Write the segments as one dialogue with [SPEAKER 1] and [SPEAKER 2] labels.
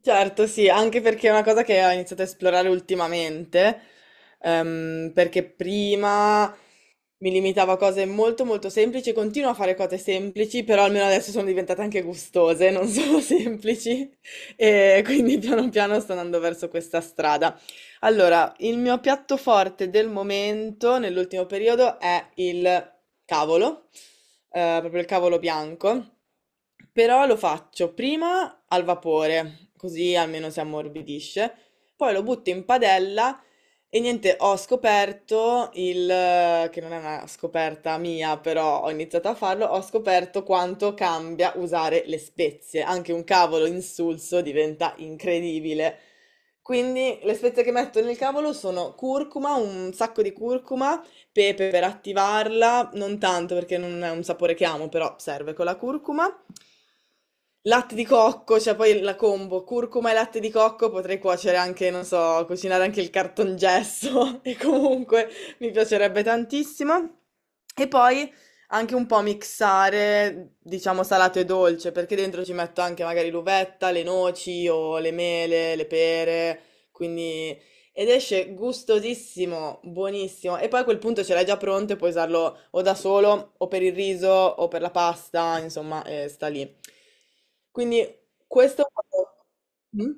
[SPEAKER 1] Certo, sì, anche perché è una cosa che ho iniziato a esplorare ultimamente, perché prima mi limitavo a cose molto molto semplici, continuo a fare cose semplici, però almeno adesso sono diventate anche gustose, non solo semplici, e quindi piano piano sto andando verso questa strada. Allora, il mio piatto forte del momento, nell'ultimo periodo, è il cavolo, proprio il cavolo bianco, però lo faccio prima al vapore, così almeno si ammorbidisce, poi lo butto in padella e niente, ho scoperto che non è una scoperta mia, però ho iniziato a farlo, ho scoperto quanto cambia usare le spezie, anche un cavolo insulso diventa incredibile. Quindi le spezie che metto nel cavolo sono curcuma, un sacco di curcuma, pepe per attivarla, non tanto perché non è un sapore che amo, però serve con la curcuma. Latte di cocco, cioè poi la combo curcuma e latte di cocco, potrei cuocere anche, non so, cucinare anche il cartongesso e comunque mi piacerebbe tantissimo. E poi anche un po' mixare, diciamo, salato e dolce, perché dentro ci metto anche magari l'uvetta, le noci o le mele, le pere, quindi ed esce gustosissimo, buonissimo. E poi a quel punto ce l'hai già pronto e puoi usarlo o da solo, o per il riso, o per la pasta, insomma, sta lì. Quindi questo. Mm?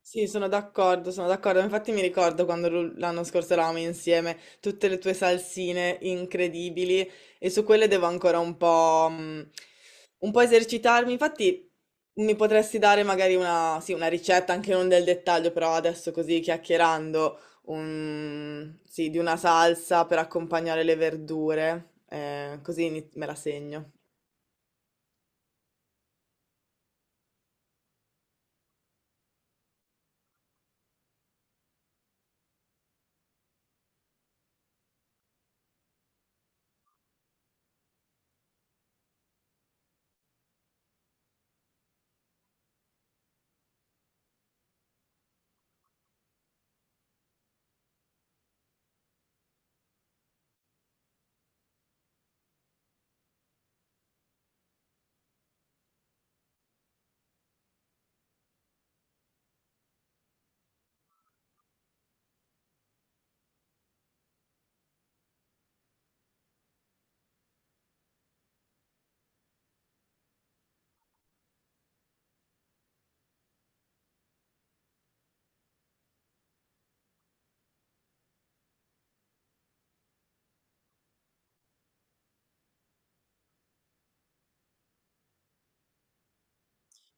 [SPEAKER 1] Sì, sono d'accordo, sono d'accordo. Infatti mi ricordo quando l'anno scorso eravamo insieme, tutte le tue salsine incredibili e su quelle devo ancora un po' esercitarmi. Infatti mi potresti dare magari una, sì, una ricetta, anche non del dettaglio, però adesso così chiacchierando, sì, di una salsa per accompagnare le verdure, così me la segno.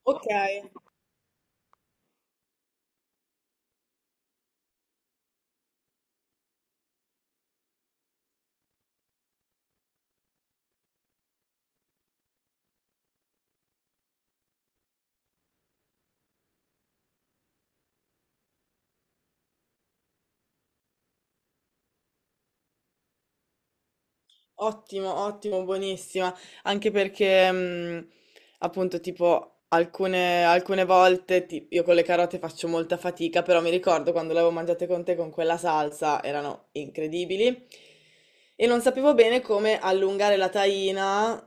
[SPEAKER 1] Ok. Ottimo, ottimo, buonissima. Anche perché, appunto, tipo, alcune volte io con le carote faccio molta fatica, però mi ricordo quando le avevo mangiate con te con quella salsa, erano incredibili. E non sapevo bene come allungare la taina,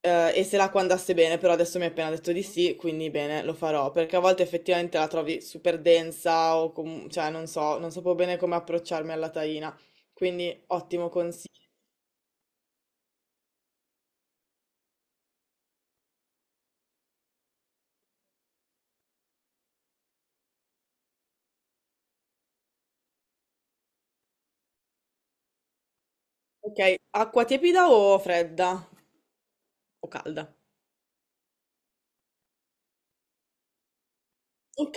[SPEAKER 1] e se l'acqua andasse bene, però adesso mi hai appena detto di sì, quindi bene, lo farò, perché a volte effettivamente la trovi super densa o cioè, non so, non sapevo bene come approcciarmi alla taina. Quindi ottimo consiglio. Ok, acqua tiepida o fredda? O calda? Ok,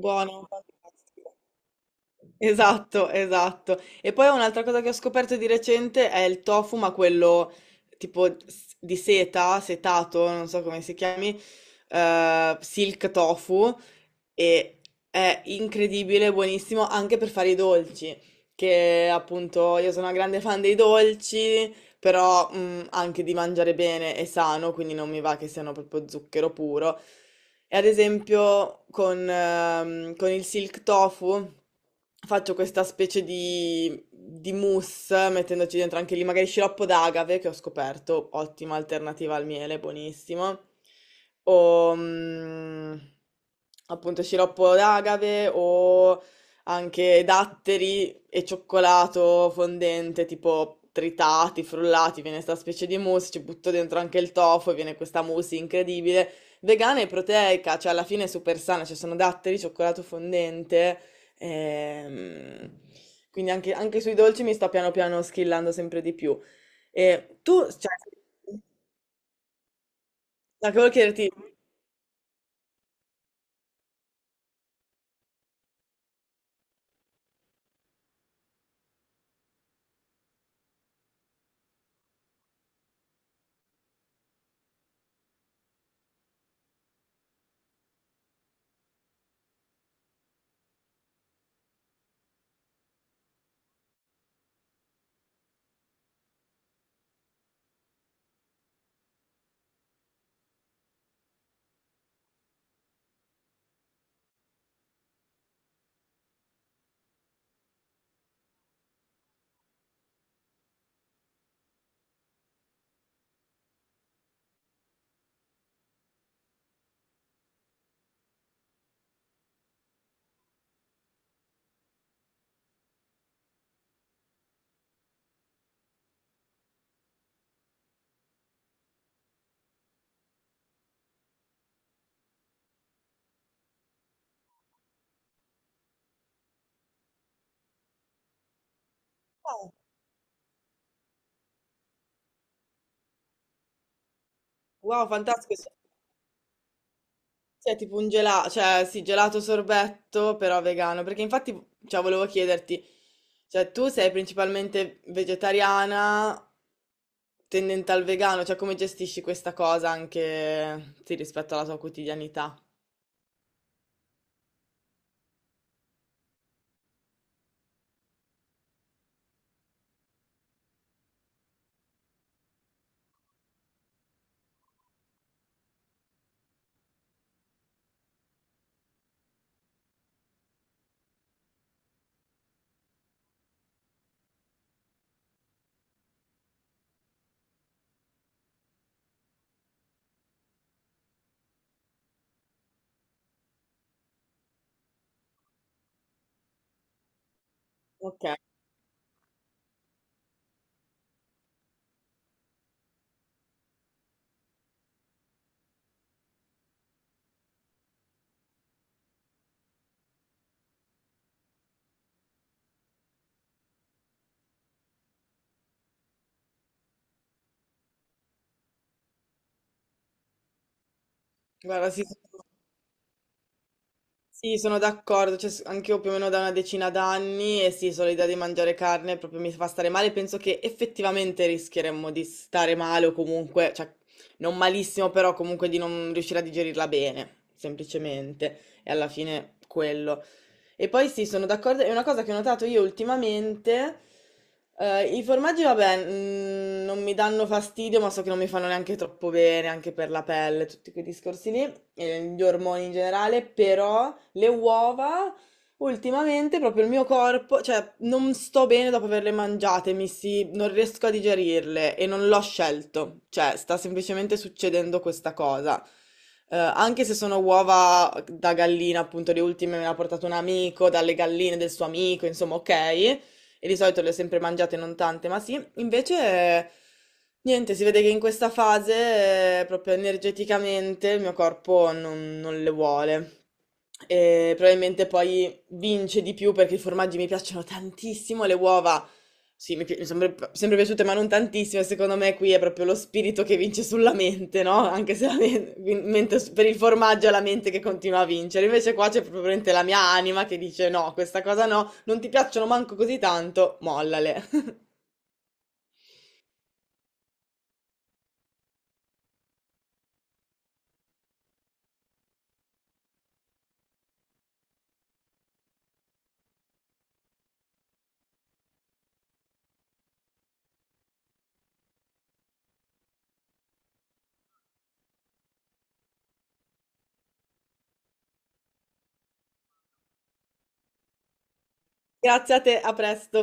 [SPEAKER 1] buono, fantastico. Esatto, esatto. E poi un'altra cosa che ho scoperto di recente è il tofu, ma quello tipo di seta, setato, non so come si chiami, silk tofu, e è incredibile, buonissimo anche per fare i dolci, che appunto io sono una grande fan dei dolci, però anche di mangiare bene e sano, quindi non mi va che siano proprio zucchero puro. E ad esempio con il silk tofu faccio questa specie di mousse mettendoci dentro anche lì magari sciroppo d'agave che ho scoperto, ottima alternativa al miele, buonissimo. O appunto sciroppo d'agave o anche datteri e cioccolato fondente tipo tritati, frullati, viene questa specie di mousse, ci butto dentro anche il tofu e viene questa mousse incredibile. Vegana e proteica, cioè alla fine è super sana, ci sono datteri, cioccolato fondente, ehm, quindi anche sui dolci mi sto piano piano schillando sempre di più. E tu, cioè, la che volevo chiederti, wow, fantastico, sei tipo un gelato, cioè sì, gelato sorbetto, però vegano, perché infatti, cioè, volevo chiederti, cioè, tu sei principalmente vegetariana, tendente al vegano, cioè come gestisci questa cosa anche sì, rispetto alla tua quotidianità? Ok, guarda, sì, sono d'accordo, cioè, anche io più o meno da una decina d'anni e sì, solo l'idea di mangiare carne proprio mi fa stare male, penso che effettivamente rischieremmo di stare male o comunque, cioè non malissimo, però comunque di non riuscire a digerirla bene, semplicemente, e alla fine quello. E poi sì, sono d'accordo, è una cosa che ho notato io ultimamente. I formaggi, vabbè, non mi danno fastidio, ma so che non mi fanno neanche troppo bene, anche per la pelle, tutti quei discorsi lì, e gli ormoni in generale, però le uova. Ultimamente proprio il mio corpo, cioè non sto bene dopo averle mangiate, non riesco a digerirle e non l'ho scelto, cioè sta semplicemente succedendo questa cosa. Anche se sono uova da gallina, appunto, le ultime me le ha portato un amico, dalle galline del suo amico, insomma, ok, e di solito le ho sempre mangiate, non tante, ma sì, invece niente, si vede che in questa fase proprio energeticamente il mio corpo non le vuole. E probabilmente poi vince di più perché i formaggi mi piacciono tantissimo, le uova sì, mi sono sempre piaciute, ma non tantissime. Secondo me qui è proprio lo spirito che vince sulla mente, no? Anche se mentre per il formaggio è la mente che continua a vincere. Invece qua c'è proprio veramente la mia anima che dice no, questa cosa no. Non ti piacciono manco così tanto, mollale. Grazie a te, a presto.